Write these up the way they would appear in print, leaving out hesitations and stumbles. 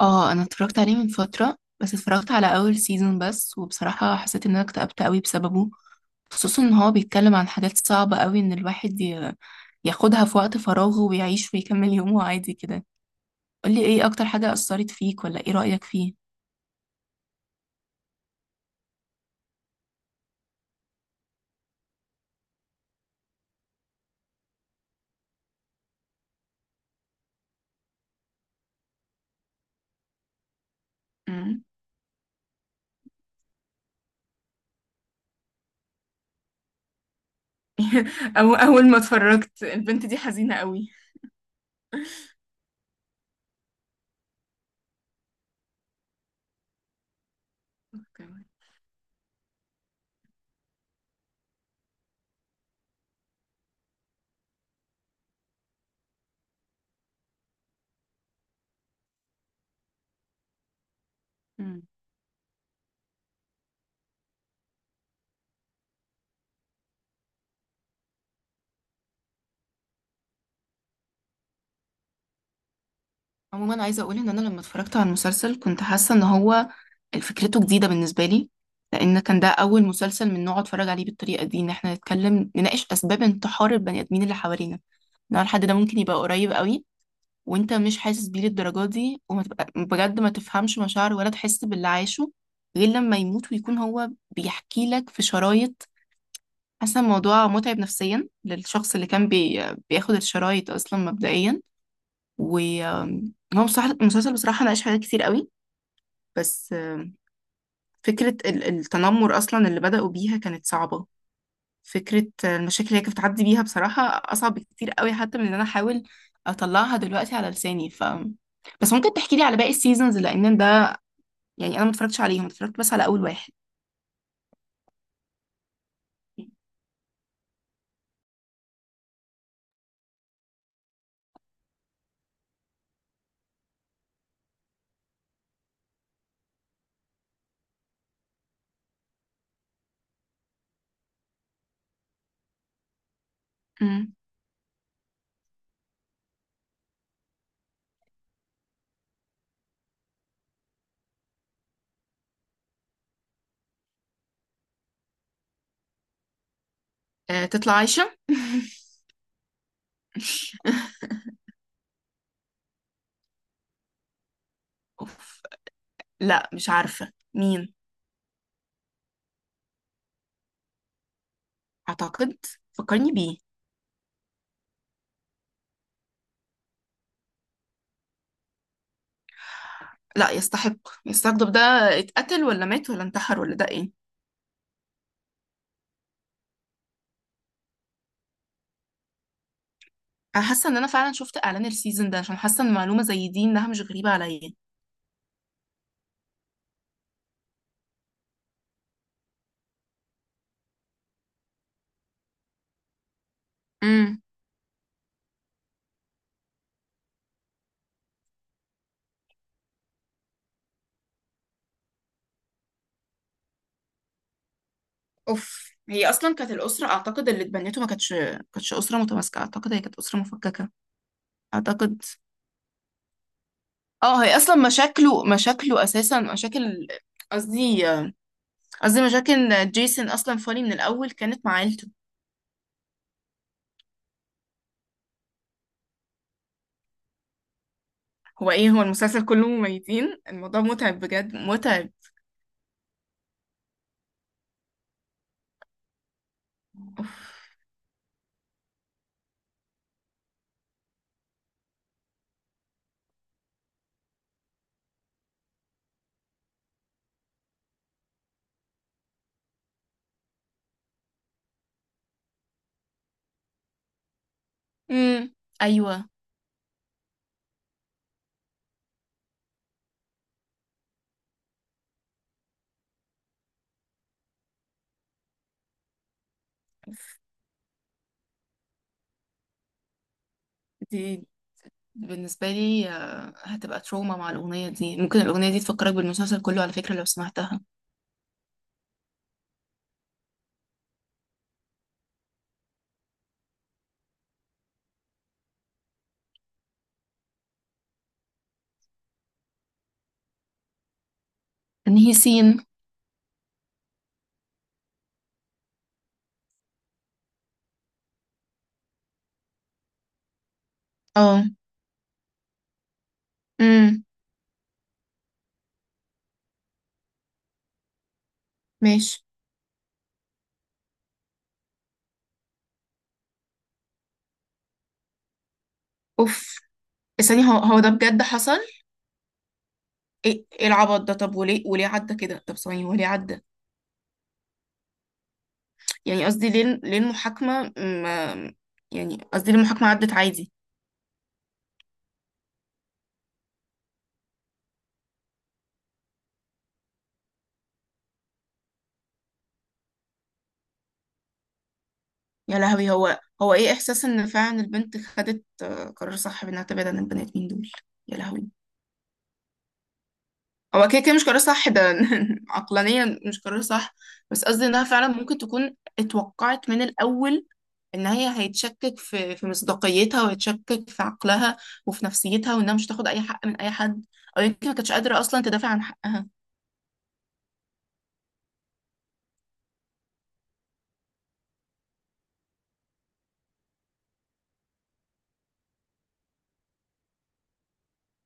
اه انا اتفرجت عليه من فترة، بس اتفرجت على اول سيزون بس. وبصراحة حسيت ان انا اكتئبت قوي بسببه، خصوصا ان هو بيتكلم عن حاجات صعبة قوي ان الواحد ياخدها في وقت فراغه ويعيش ويكمل يومه عادي كده. قولي ايه اكتر حاجة اثرت فيك، ولا ايه رأيك فيه؟ مم. أو أول ما اتفرجت البنت دي حزينة قوي. أوكي. عموما عايزه اقول ان انا لما اتفرجت على المسلسل كنت حاسه ان هو فكرته جديده بالنسبه لي، لان كان ده اول مسلسل من نوعه اتفرج عليه بالطريقه دي، ان احنا نتكلم نناقش اسباب انتحار البني ادمين اللي حوالينا، ان هو الحد ده ممكن يبقى قريب قوي وانت مش حاسس بيه للدرجه دي، وما تبقى بجد ما تفهمش مشاعره ولا تحس باللي عايشه غير لما يموت ويكون هو بيحكي لك في شرايط. حاسه الموضوع متعب نفسيا للشخص اللي كان بياخد الشرايط اصلا مبدئيا. وهو المسلسل بصراحة ناقش حاجات كتير قوي، بس فكرة التنمر أصلا اللي بدأوا بيها كانت صعبة. فكرة المشاكل اللي هي كانت بتعدي بيها بصراحة أصعب كتير قوي، حتى من إن أنا أحاول أطلعها دلوقتي على لساني. ف بس ممكن تحكي لي على باقي السيزونز، لأن ده يعني أنا ما اتفرجتش عليهم، اتفرجت بس على أول واحد. مم. تطلع عايشة. أوف. لا مش عارفة مين. أعتقد فكرني بيه. لا يستحق. يستحق، طب ده اتقتل ولا مات ولا انتحر ولا ده ايه؟ انا حاسه ان انا فعلا شفت اعلان السيزون ده، عشان حاسه ان معلومه زي دي انها مش غريبه عليا. امم. اوف، هي اصلا كانت الاسره اعتقد اللي اتبنته ما كانتش، كانتش اسره متماسكه، اعتقد هي كانت اسره مفككه. اعتقد. اه هي اصلا مشاكله اساسا مشاكل، قصدي، قصدي مشاكل جيسون اصلا فاني من الاول كانت مع عيلته. هو ايه؟ هو المسلسل كله مميتين، الموضوع متعب بجد، متعب. اوف. امم. ايوه. دي بالنسبة لي هتبقى تروما. مع الأغنية دي ممكن الأغنية دي تفكرك بالمسلسل كله على فكرة لو سمعتها. إن هي سين. اه. امم. ماشي. اوف. ثانية، هو ده بجد حصل؟ ايه إيه العبط ده؟ طب وليه؟ وليه عدى كده؟ طب ثانية، وليه عدى؟ يعني قصدي، ليه ليه المحاكمة ما، يعني قصدي ليه المحاكمة عدت عادي؟ يا لهوي، هو ايه إحساس إن فعلا البنت خدت قرار صح بإنها تبعد عن البني آدمين دول؟ يا لهوي. هو كده كده مش قرار صح ده. عقلانيا مش قرار صح، بس قصدي انها فعلا ممكن تكون اتوقعت من الاول ان هي هيتشكك في في مصداقيتها، وهيتشكك في عقلها وفي نفسيتها، وانها مش تاخد اي حق من اي حد. او يمكن ما كانتش قادره اصلا تدافع عن حقها.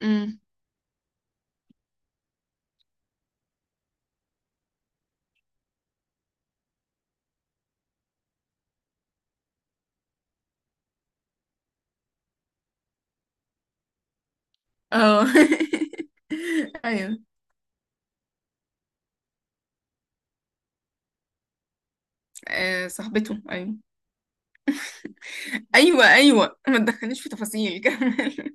امم. اه. ايوه. آه صاحبته، ايوه. ايوه، ايوه، ما تدخلنيش في تفاصيل. كمل.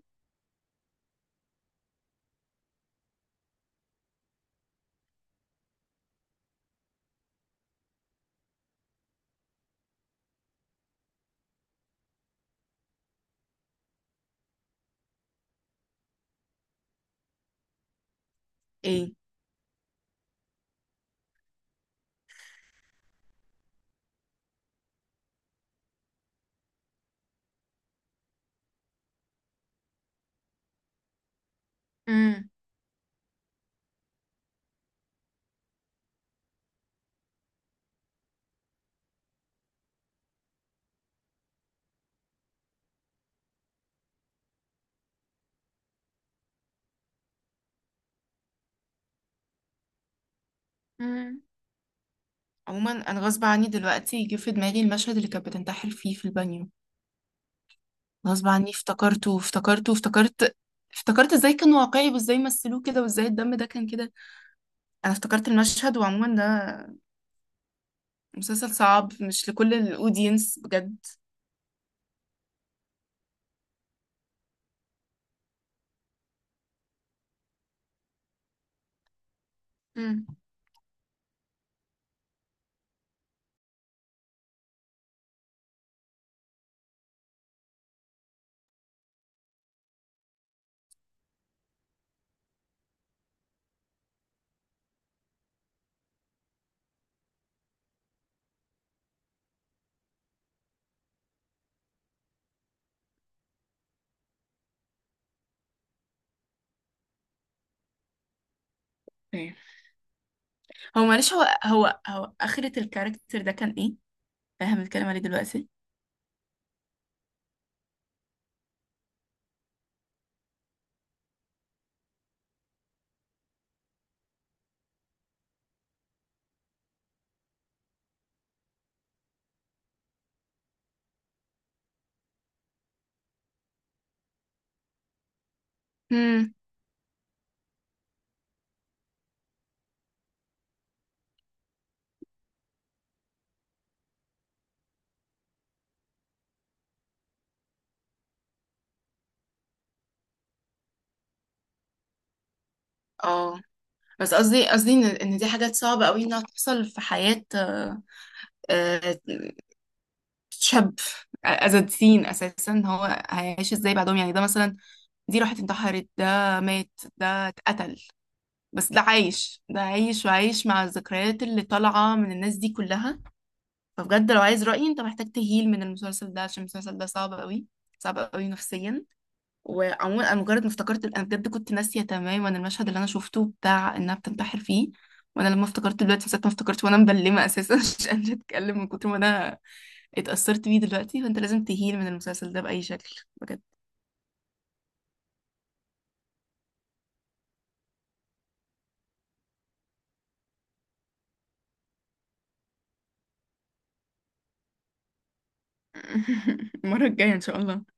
ايه؟ امم. امم. عموما انا غصب عني دلوقتي جه في دماغي المشهد اللي كانت بتنتحر فيه في البانيو. غصب عني افتكرته وافتكرته وافتكرت. افتكرت ازاي كان واقعي، وازاي مثلوه كده، وازاي الدم ده كان كده. انا افتكرت المشهد. وعموما ده مسلسل صعب، مش لكل الاودينس بجد. امم. ايه؟ هو معلش، هو اخرة الكاركتر ده كان ايه؟ احنا بنتكلم عليه دلوقتي. امم. اه. بس قصدي، قصدي إن دي حاجات صعبة قوي انها تحصل في حياة آه، شاب. as a teen اساسا، هو هيعيش ازاي بعدهم؟ يعني ده مثلا دي راحت انتحرت، ده مات، ده اتقتل، بس ده عايش. ده عايش وعايش مع الذكريات اللي طالعة من الناس دي كلها. فبجد لو عايز رأيي، انت محتاج تهيل من المسلسل ده، عشان المسلسل ده صعب قوي، صعب قوي نفسيا. وعموما انا مجرد ما افتكرت، انا بجد كنت ناسية تماما المشهد اللي انا شفته بتاع انها بتنتحر فيه، وانا لما افتكرت دلوقتي من ساعة ما افتكرت وانا مبلمة اساسا، مش قادرة اتكلم من كتر ما انا اتأثرت بيه دلوقتي. فانت لازم تهيل من المسلسل ده بأي شكل، بجد. المرة الجاية ان شاء الله.